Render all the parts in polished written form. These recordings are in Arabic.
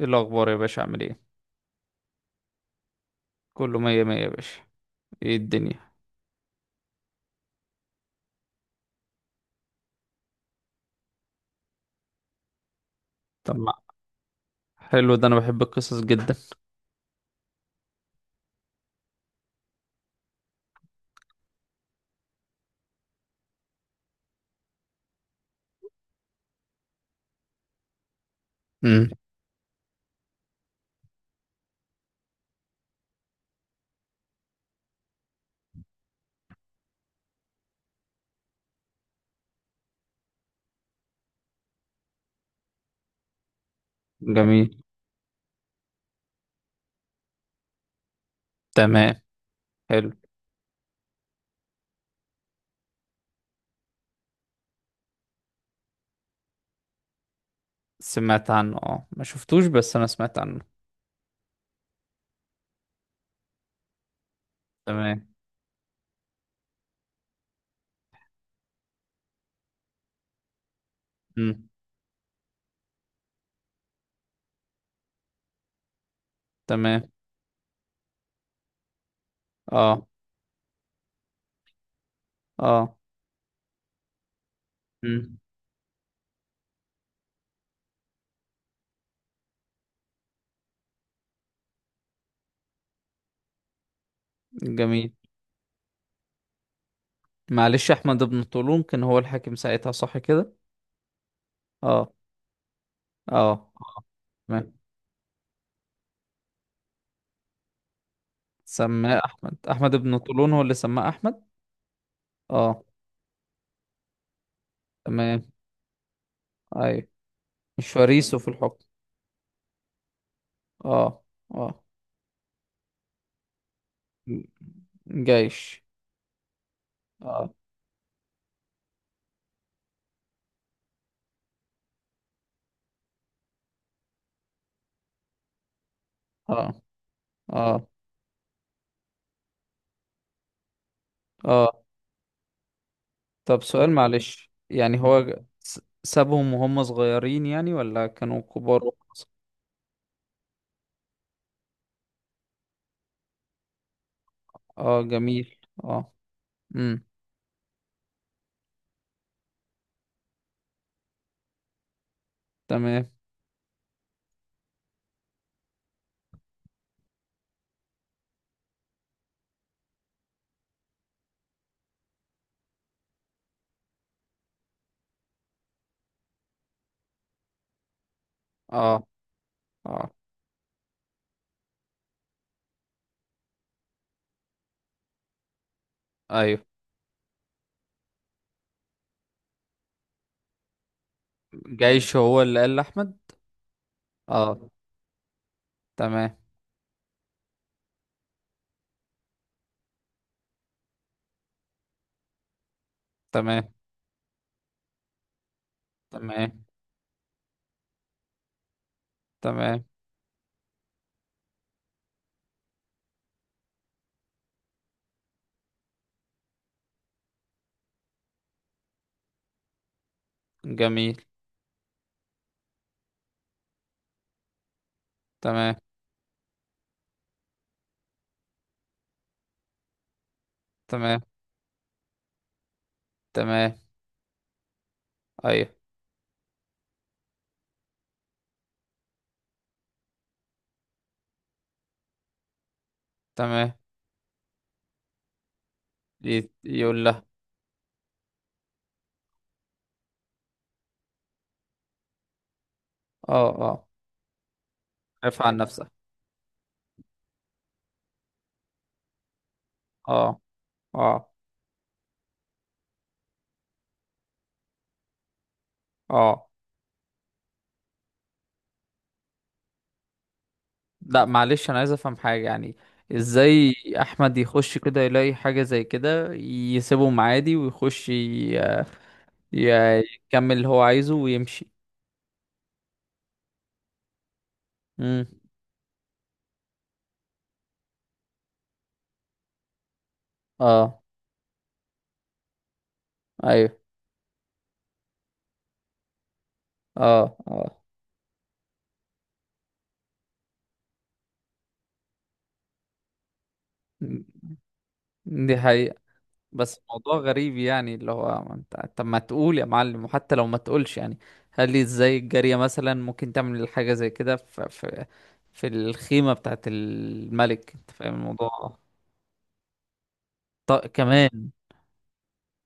ايه الاخبار يا باشا عامل ايه؟ كله مية مية يا باشا. ايه الدنيا؟ طب ما حلو ده، انا بحب القصص جدا. امم جميل. تمام. حلو. سمعت عنه، اه ما شفتوش بس انا سمعت عنه. تمام. امم تمام. اه، اه. امم جميل. معلش، احمد بن طولون كان هو الحاكم ساعتها، صح كده؟ اه، اه. تمام. سماه احمد، احمد بن طولون هو اللي سماه احمد. اه. تمام. ايوه. مش فريسه في الحكم. اه، اه. جيش. اه، اه، اه، اه. طب سؤال معلش، يعني هو سابهم وهم صغيرين يعني، ولا كانوا كبار وخلاص؟ اه جميل. اه. امم تمام. اه، اه، ايوه. جيش هو اللي قال لاحمد؟ اه. تمام. تمام. تمام. تمام. جميل. تمام. تمام. تمام. ايوه. تمام. يقول لها؟ اه، اه. عرف عن نفسك. اه، اه، اه. لا معلش، انا عايز افهم حاجة يعني. ازاي احمد يخش كده يلاقي حاجة زي كده يسيبهم عادي ويخش ي- يكمل اللي هو عايزه ويمشي؟ امم اه، ايوه. اه، اه. م- دي حقيقة. بس موضوع غريب يعني، اللي هو ما انت طب ما تقول يا معلم، وحتى لو ما تقولش يعني. هل لي ازاي الجارية مثلا ممكن تعمل حاجة زي كده في في الخيمة بتاعت الملك، انت فاهم الموضوع؟ طيب كمان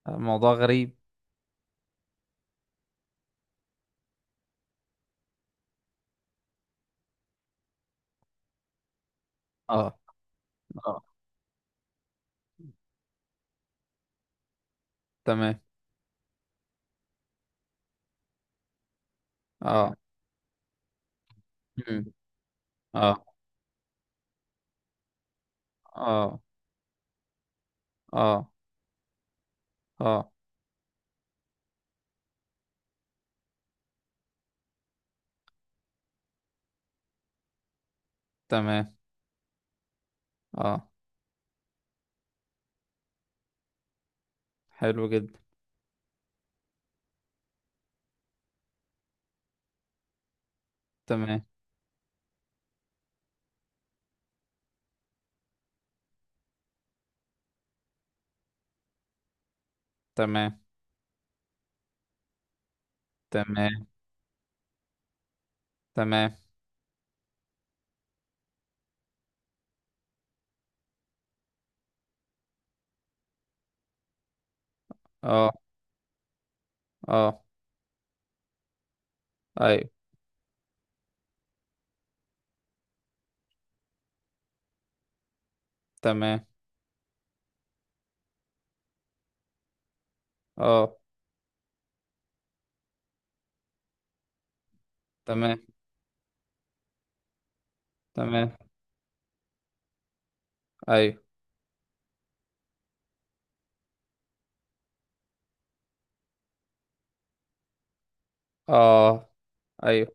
الموضوع غريب. اه، اه. تمام. اه. مم. اه، اه، اه، اه. تمام. اه. حلو جدا. تمام. تمام. تمام. تمام. اه، اه، ايوه. تمام. اه. تمام. تمام. ايوه. اه، ايوه.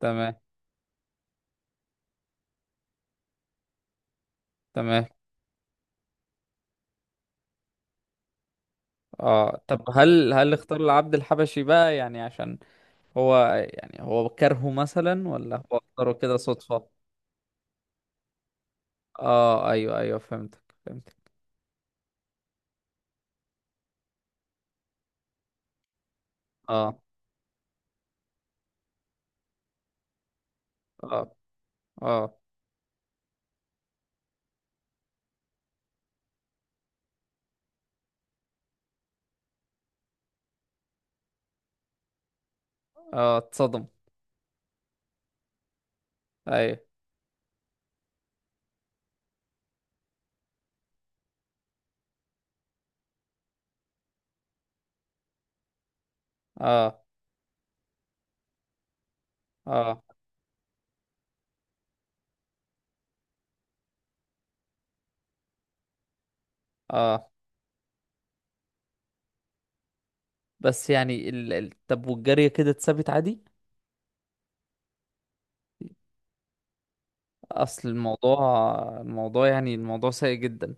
تمام. تمام. اه، طب هل هل اختار العبد الحبشي بقى يعني عشان هو؟ يعني هو كرهه مثلا، ولا هو اختاره كده صدفة؟ اه ايوه، ايوه، فهمتك، فهمتك. اه، اه، اه، اه، اتصدم. ايوه. اه، اه، اه. بس يعني طب والجارية كده اتثبت عادي؟ اصل الموضوع، الموضوع يعني الموضوع سيء جدا.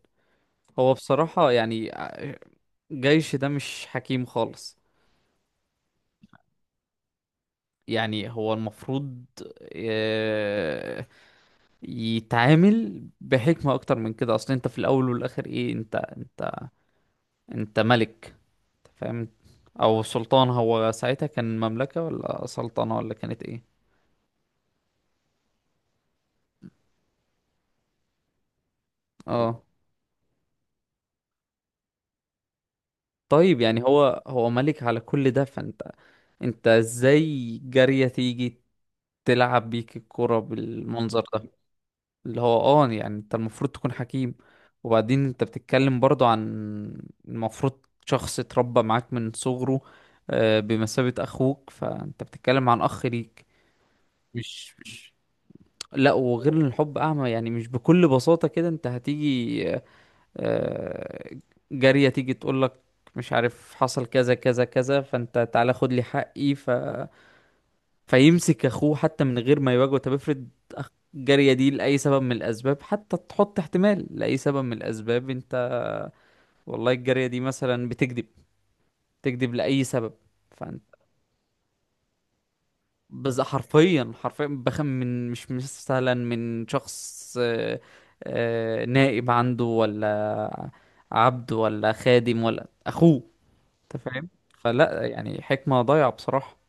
هو بصراحة يعني، جيش ده مش حكيم خالص. يعني هو المفروض، آه، يتعامل بحكمة اكتر من كده. اصل انت في الاول والاخر ايه، انت انت ملك. أنت فاهم؟ او سلطان، هو ساعتها كان مملكة ولا سلطنة ولا كانت ايه؟ اه. طيب يعني هو هو ملك على كل ده، فانت انت ازاي جارية تيجي تلعب بيك الكرة بالمنظر ده؟ اللي هو اه، يعني انت المفروض تكون حكيم. وبعدين انت بتتكلم برضو عن المفروض شخص اتربى معاك من صغره، بمثابة اخوك، فانت بتتكلم عن اخ ليك. مش مش لا، وغير ان الحب اعمى، يعني مش بكل بساطة كده انت هتيجي، آه، جارية تيجي تقول لك مش عارف حصل كذا كذا كذا، فانت تعالى خد لي حقي فيمسك اخوه حتى من غير ما يواجهه. طب افرض أخ- الجارية دي لأي سبب من الأسباب، حتى تحط احتمال لأي سبب من الأسباب، انت والله الجارية دي مثلا بتكذب، تكذب لأي سبب، فانت بز حرفيا، حرفيا بخم من، مش مثلا من شخص، نائب عنده ولا عبد ولا خادم ولا أخوه. انت فاهم؟ فلا يعني، حكمة ضايعة بصراحة.